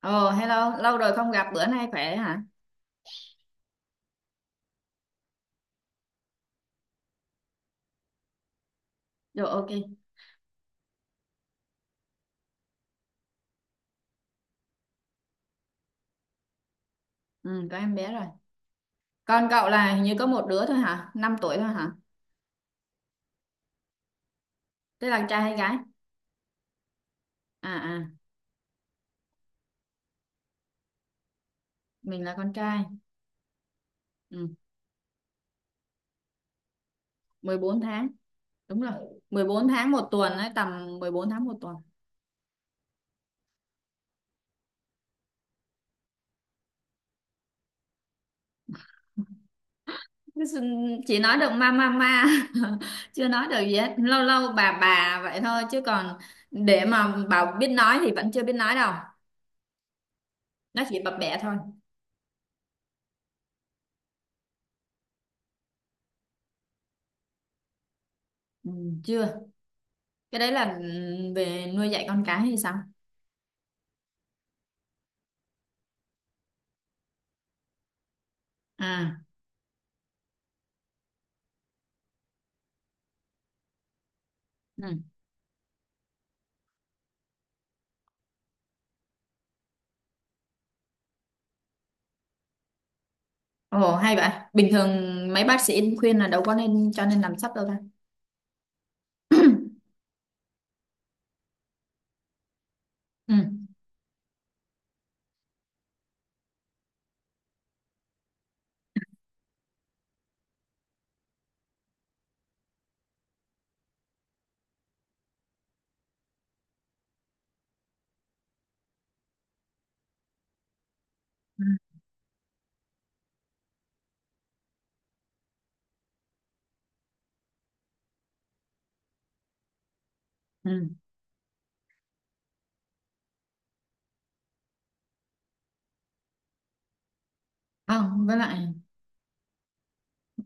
Ồ, hello, lâu rồi không gặp, bữa nay khỏe hả? Rồi, ok, ừ, có em bé rồi. Con cậu là hình như có một đứa thôi hả? 5 tuổi thôi hả? Thế là trai hay gái? À, à, mình là con trai. Ừ, 14 tháng, đúng rồi. 14 tháng một tuần ấy, tầm 14 tháng một tuần. Chỉ nói được ma ma ma, chưa nói được gì hết. Lâu lâu bà vậy thôi, chứ còn để mà bảo biết nói thì vẫn chưa biết nói đâu. Nó chỉ bập bẹ thôi. Ừ, chưa. Cái đấy là ừ, về nuôi dạy con cái hay sao? À. Ừ. Ồ hay vậy. Bình thường mấy bác sĩ khuyên là đâu có nên cho nên làm sắp đâu ta. Ừ. Ừ. Ừ. Không, với lại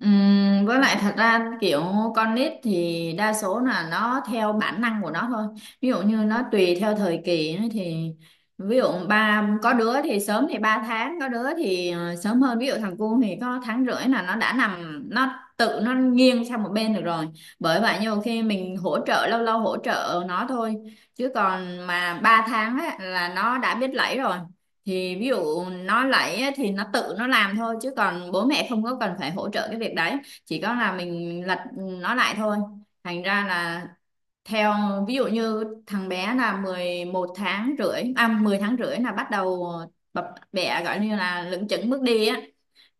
Ừm, với lại thật ra kiểu con nít thì đa số là nó theo bản năng của nó thôi, ví dụ như nó tùy theo thời kỳ ấy thì ví dụ ba có đứa thì sớm thì 3 tháng, có đứa thì sớm hơn, ví dụ thằng cu thì có tháng rưỡi là nó đã nằm, nó tự nó nghiêng sang một bên được rồi. Bởi vậy nhiều khi mình hỗ trợ, lâu lâu hỗ trợ nó thôi, chứ còn mà 3 tháng ấy, là nó đã biết lẫy rồi. Thì ví dụ nó lấy á, thì nó tự nó làm thôi, chứ còn bố mẹ không có cần phải hỗ trợ cái việc đấy, chỉ có là mình lật nó lại thôi. Thành ra là theo ví dụ như thằng bé là 11 tháng rưỡi, à 10 tháng rưỡi là bắt đầu bập bẹ, gọi như là lững chững bước đi á.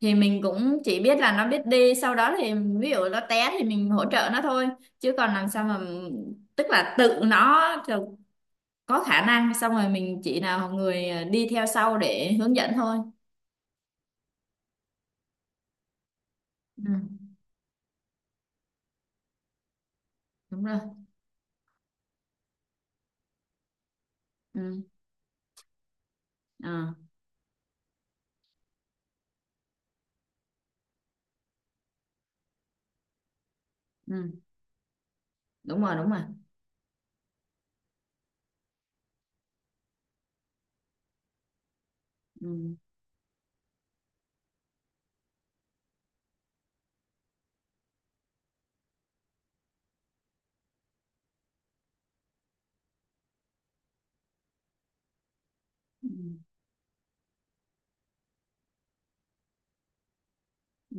Thì mình cũng chỉ biết là nó biết đi, sau đó thì ví dụ nó té thì mình hỗ trợ nó thôi, chứ còn làm sao mà, tức là tự nó có khả năng xong rồi mình chỉ nào người đi theo sau để hướng dẫn thôi. Ừ, đúng rồi. Ừ. Ờ. Ừ. Đúng rồi, đúng rồi. Ừ. Ừ. Ừ.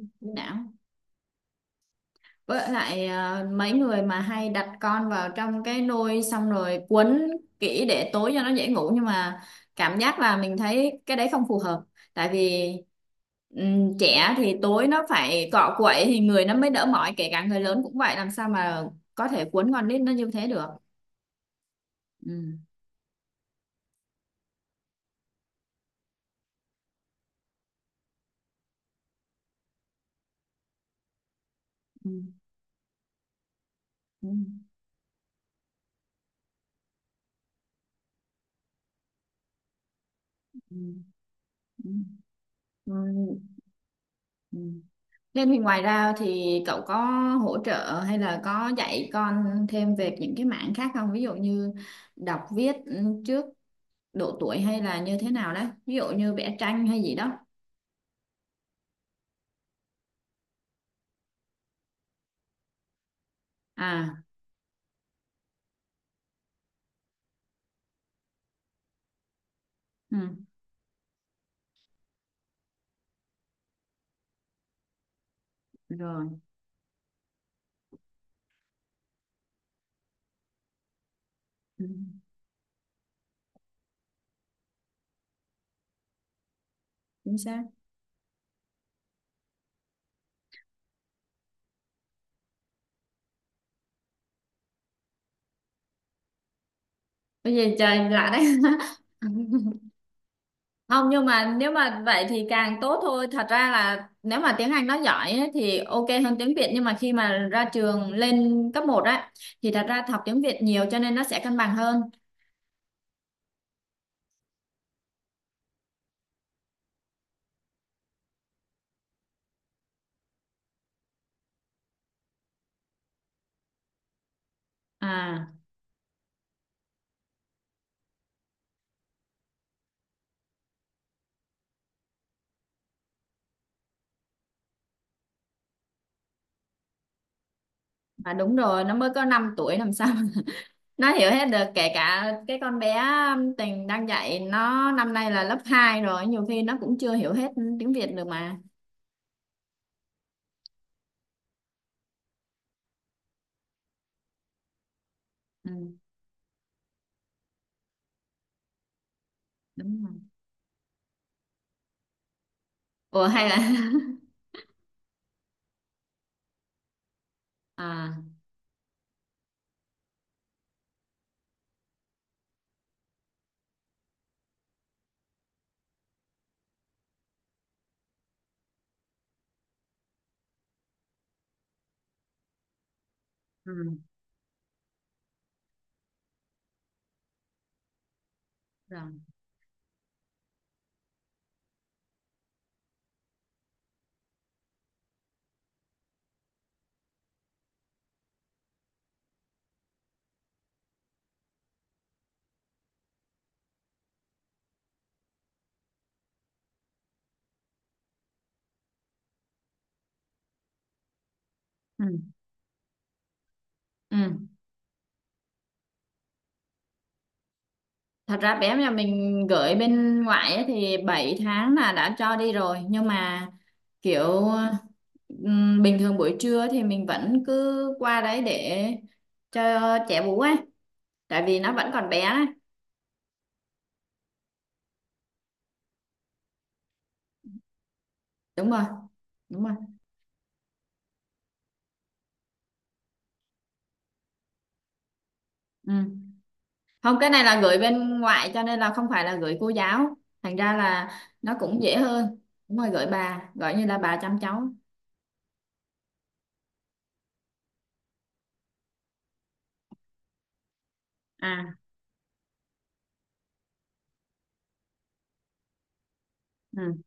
Trí não. Với lại mấy người mà hay đặt con vào trong cái nôi xong rồi quấn kỹ để tối cho nó dễ ngủ, nhưng mà cảm giác là mình thấy cái đấy không phù hợp. Tại vì trẻ thì tối nó phải cọ quậy thì người nó mới đỡ mỏi, kể cả người lớn cũng vậy, làm sao mà có thể quấn con nít nó như thế được. Ừ. Ừ. Ừ, ừ, ừ. Rồi, ừ. Nên thì ngoài ra thì cậu có hỗ trợ hay là có dạy con thêm về những cái mảng khác không? Ví dụ như đọc viết ừ, trước độ tuổi, hay là như thế nào đó? Ví dụ như vẽ tranh hay gì đó. À. Ừ. Rồi. Ừ. Chính xác. Bây giờ trời lạ đấy. Không, nhưng mà nếu mà vậy thì càng tốt thôi, thật ra là nếu mà tiếng Anh nó giỏi ấy, thì ok hơn tiếng Việt, nhưng mà khi mà ra trường lên cấp một á thì thật ra học tiếng Việt nhiều cho nên nó sẽ cân bằng hơn. À mà đúng rồi, nó mới có 5 tuổi làm sao nó hiểu hết được, kể cả cái con bé Tình đang dạy nó năm nay là lớp 2 rồi, nhiều khi nó cũng chưa hiểu hết tiếng Việt được mà. Ừ, đúng rồi. Ủa hay là à. Ừ. Rồi. Ừ. Ừ. Thật ra bé nhà mình gửi bên ngoại ấy, thì 7 tháng là đã cho đi rồi, nhưng mà kiểu bình thường buổi trưa thì mình vẫn cứ qua đấy để cho trẻ bú ấy, tại vì nó vẫn còn bé ấy. Đúng rồi, đúng rồi. Ừ. Không, cái này là gửi bên ngoại cho nên là không phải là gửi cô giáo, thành ra là nó cũng dễ hơn. Đúng rồi, gửi bà, gọi như là bà chăm cháu. À. Ừ.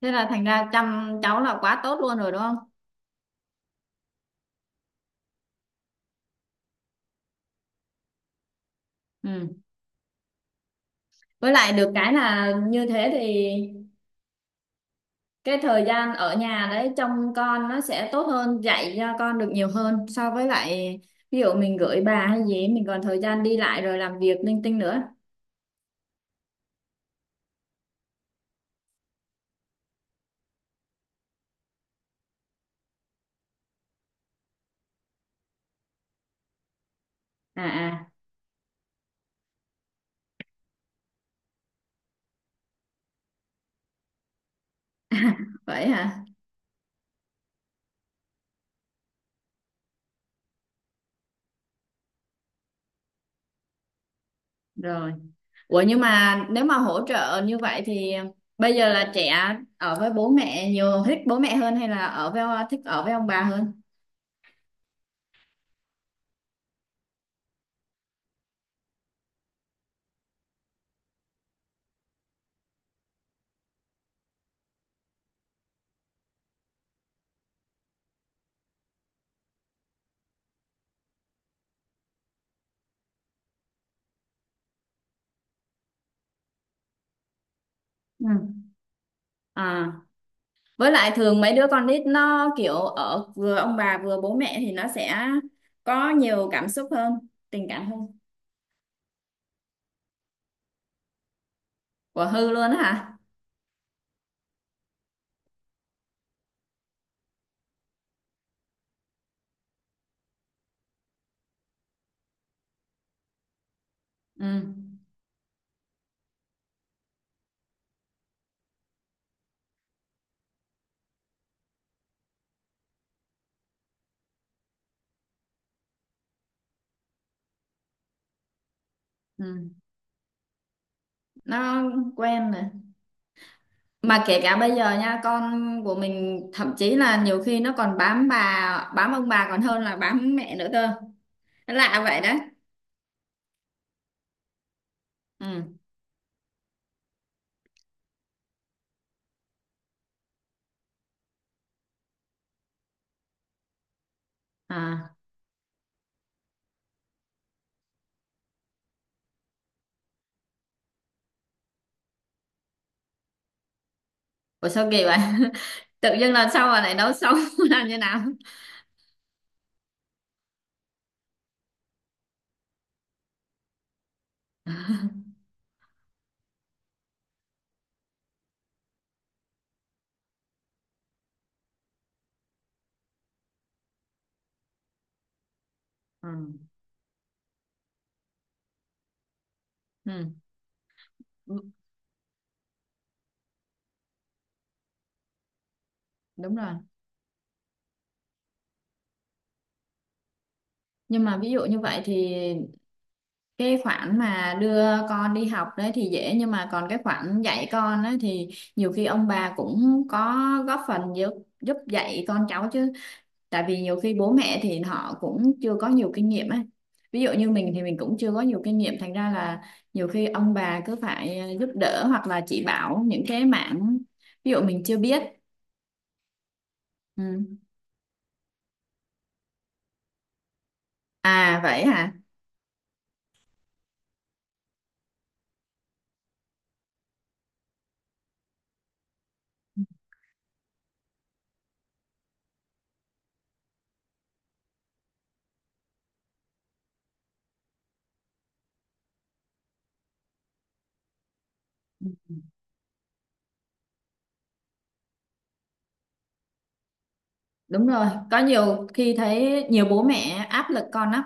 Thế là thành ra chăm cháu là quá tốt luôn rồi đúng không? Ừ, với lại được cái là như thế thì cái thời gian ở nhà đấy trông con nó sẽ tốt hơn, dạy cho con được nhiều hơn, so với lại ví dụ mình gửi bà hay gì mình còn thời gian đi lại rồi làm việc linh tinh nữa. À, à. Vậy hả? Rồi. Ủa nhưng mà nếu mà hỗ trợ như vậy thì bây giờ là trẻ ở với bố mẹ nhiều thích bố mẹ hơn hay là ở với thích ở với ông bà hơn? Ừ. À, với lại thường mấy đứa con nít nó kiểu ở vừa ông bà vừa bố mẹ thì nó sẽ có nhiều cảm xúc hơn, tình cảm hơn. Của hư luôn á hả? Ừ. Ừ, nó quen rồi. Mà kể cả bây giờ nha, con của mình thậm chí là nhiều khi nó còn bám bà, bám ông bà còn hơn là bám mẹ nữa cơ. Nó lạ vậy đấy. Ừ. À. Ủa sao kỳ vậy? Tự dưng lần sau mà lại nấu xong làm như nào? Ừ. Ừ. Đúng rồi. Nhưng mà ví dụ như vậy thì cái khoản mà đưa con đi học đấy thì dễ, nhưng mà còn cái khoản dạy con ấy thì nhiều khi ông bà cũng có góp phần giúp, giúp dạy con cháu chứ, tại vì nhiều khi bố mẹ thì họ cũng chưa có nhiều kinh nghiệm ấy, ví dụ như mình thì mình cũng chưa có nhiều kinh nghiệm, thành ra là nhiều khi ông bà cứ phải giúp đỡ hoặc là chỉ bảo những cái mảng ví dụ mình chưa biết. Ừ. À vậy hả? Đúng rồi, có nhiều khi thấy nhiều bố mẹ áp lực con lắm,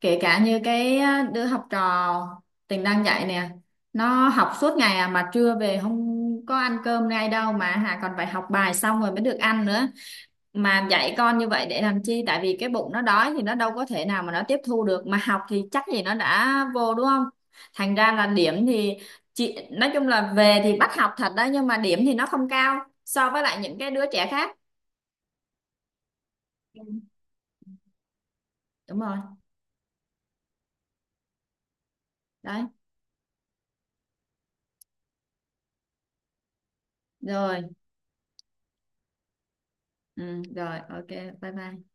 kể cả như cái đứa học trò Tình đang dạy nè, nó học suốt ngày à, mà trưa về không có ăn cơm ngay đâu, mà Hà còn phải học bài xong rồi mới được ăn nữa. Mà dạy con như vậy để làm chi? Tại vì cái bụng nó đói thì nó đâu có thể nào mà nó tiếp thu được, mà học thì chắc gì nó đã vô đúng không? Thành ra là điểm thì chị nói chung là về thì bắt học thật đó, nhưng mà điểm thì nó không cao so với lại những cái đứa trẻ khác. Đúng rồi. Đấy. Rồi. Ừ, rồi ok bye bye.